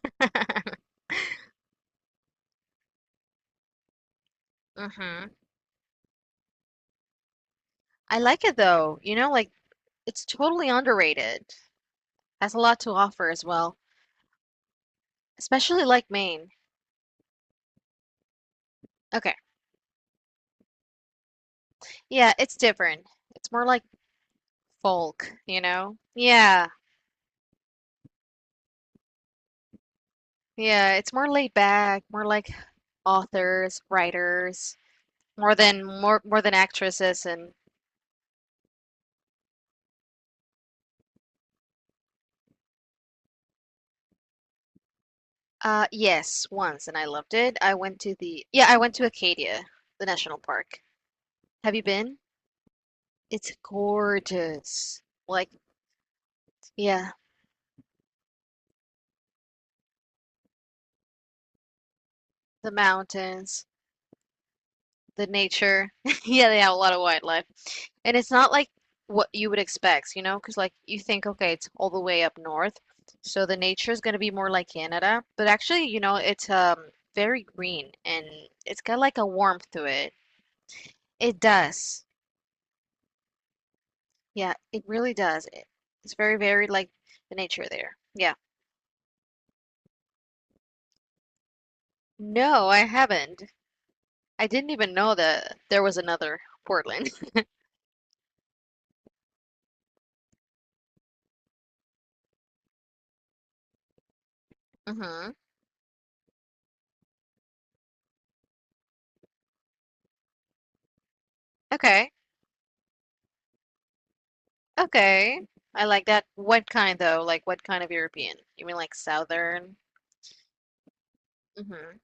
hmm I like it though. You know, like it's totally underrated. Has a lot to offer as well, especially like Maine. Okay. Yeah, it's different. It's more like folk, you know? Yeah. Yeah, it's more laid back, more like authors, writers, more than actresses and yes, once and I loved it. I went to Acadia, the national park. Have you been? It's gorgeous. Like, yeah. The mountains, the nature. Yeah, they have a lot of wildlife. And it's not like what you would expect, you know, because like you think, okay, it's all the way up north, so the nature is going to be more like Canada, but actually, it's very green and it's got like a warmth to it. It does. Yeah, it really does. It's very, very like the nature there. Yeah. No, I haven't. I didn't even know that there was another Portland. hmm Okay. Okay. I like that. What kind though? Like what kind of European? You mean like Southern? Mm-hmm.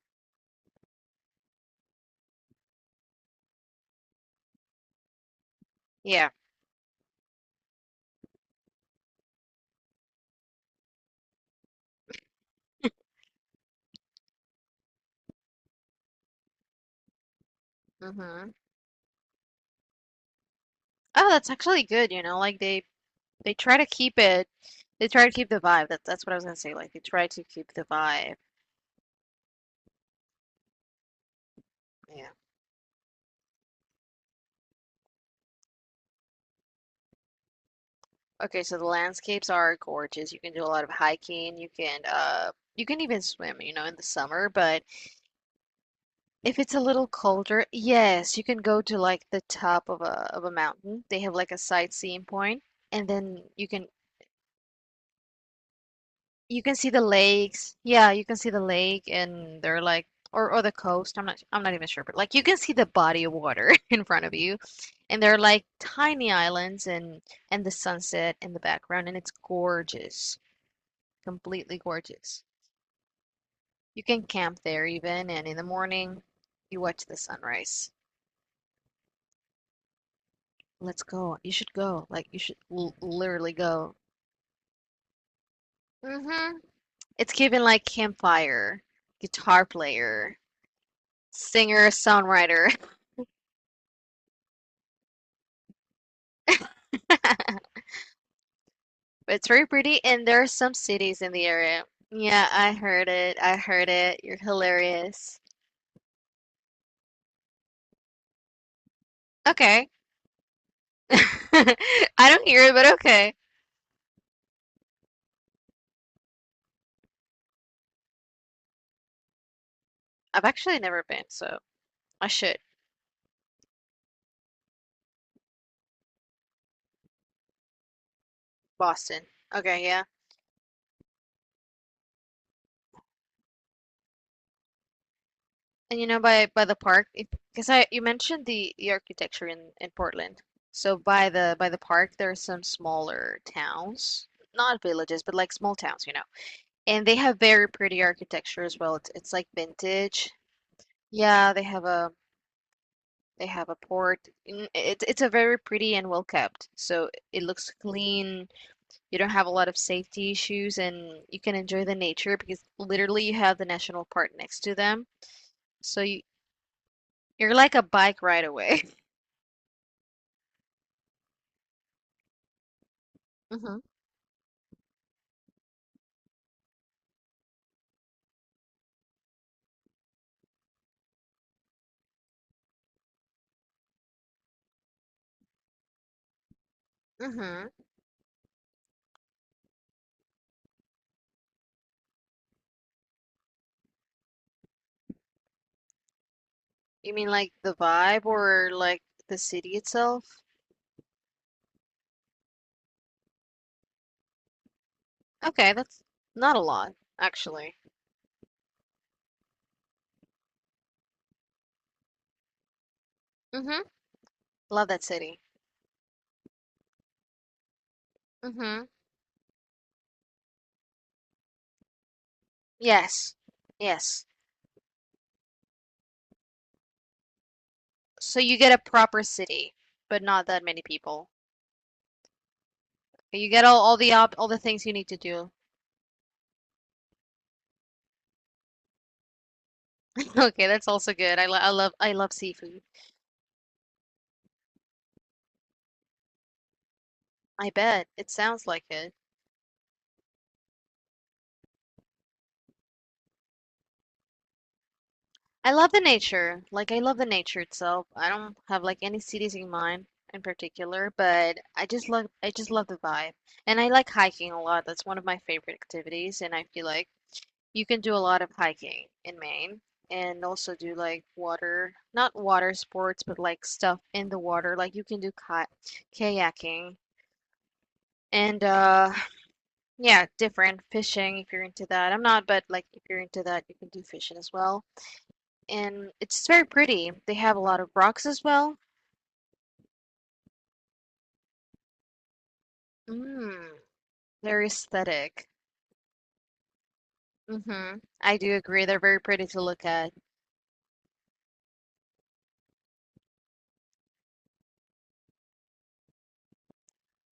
Yeah. Mm-hmm. Oh, that's actually good, you know, like they try to keep it they try to keep the vibe. That that's what I was gonna say. Like they try to keep the vibe. Yeah. Okay, so the landscapes are gorgeous. You can do a lot of hiking, you can even swim, you know, in the summer, but if it's a little colder, yes, you can go to like the top of a mountain. They have like a sightseeing point, and then you can see the lakes. Yeah, you can see the lake and they're like or the coast. I'm not even sure, but like you can see the body of water in front of you. And they're like tiny islands and the sunset in the background and it's gorgeous. Completely gorgeous. You can camp there even and in the morning you watch the sunrise. Let's go. You should go. Like you should l literally go. Hmm It's given like campfire, guitar player, singer, songwriter. It's very pretty, and there are some cities in the area. Yeah, I heard it. I heard it. You're hilarious. Okay. I don't hear it, but okay. I've actually never been, so I should. Boston. Okay, yeah. And you know, by the park, because I you mentioned the architecture in Portland. So by the park, there are some smaller towns, not villages, but like small towns, you know. And they have very pretty architecture as well. It's like vintage. Yeah, they have a They have a port. It's a very pretty and well kept. So it looks clean. You don't have a lot of safety issues and you can enjoy the nature because literally you have the national park next to them. So you, you're like a bike ride away. hmm hmm You mean like the vibe or like the city itself? Okay, that's not a lot, actually. Hmm Love that city. Hmm Yes. Yes. So you get a proper city, but not that many people. You get all the things you need to do. Okay, that's also good. I love seafood. I bet. It sounds like it. I love the nature. Like I love the nature itself. I don't have like any cities in mind in particular, but I just love the vibe. And I like hiking a lot. That's one of my favorite activities, and I feel like you can do a lot of hiking in Maine and also do like water, not water sports, but like stuff in the water. Like you can do ki kayaking and Yeah, different fishing if you're into that. I'm not, but like if you're into that, you can do fishing as well. And it's very pretty. They have a lot of rocks as well. Mm, very aesthetic. Mm-hmm. I do agree. They're very pretty to look at.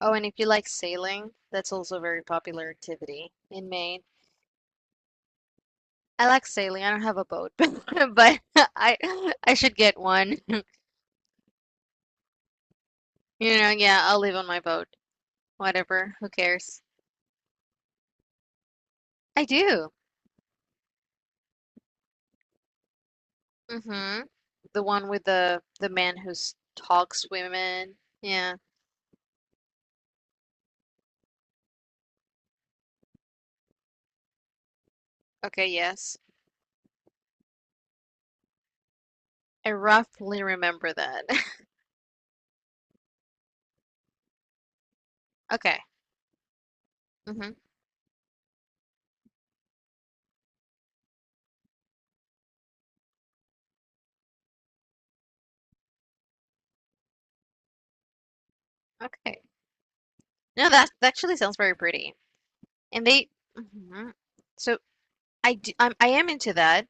Oh, and if you like sailing, that's also a very popular activity in Maine. I like sailing. I don't have a boat, but I I should get one. You know, yeah, I'll live on my boat. Whatever. Who cares? I do. Mm-hmm. The one with the man who talks women. Yeah. Okay, yes. I roughly remember that. Okay. Mm-hmm. Okay. No, that that actually sounds very pretty. And they hmm So I am into that,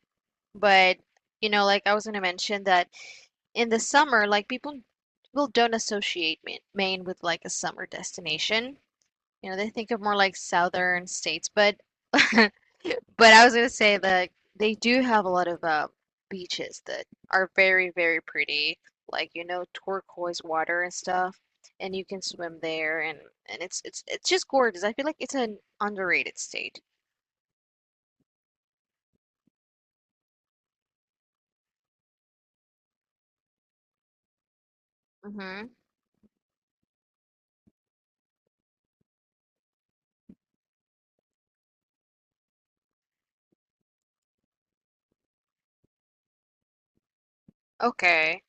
but you know, like I was gonna mention that in the summer, like people don't associate Maine with like a summer destination. You know, they think of more like southern states, but But I was gonna say that they do have a lot of beaches that are very, very pretty, like you know, turquoise water and stuff, and you can swim there, and it's it's just gorgeous. I feel like it's an underrated state. Mm-hmm. Okay.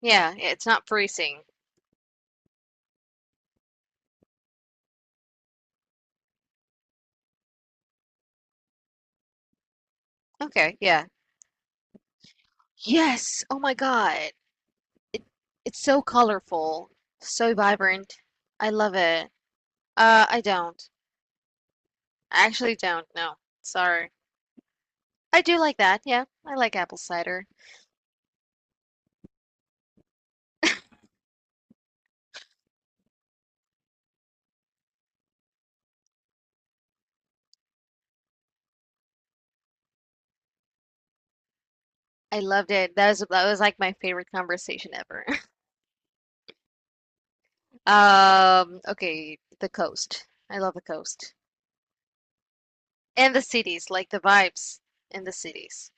Yeah, yeah, it's not freezing. Okay, yeah. Yes. Oh my God. It it's so colorful, so vibrant. I love it. I don't. I actually don't. No. Sorry. I do like that. Yeah, I like apple cider. I loved it. That was like my favorite conversation ever. Okay, the coast. I love the coast. And the cities, like the vibes in the cities.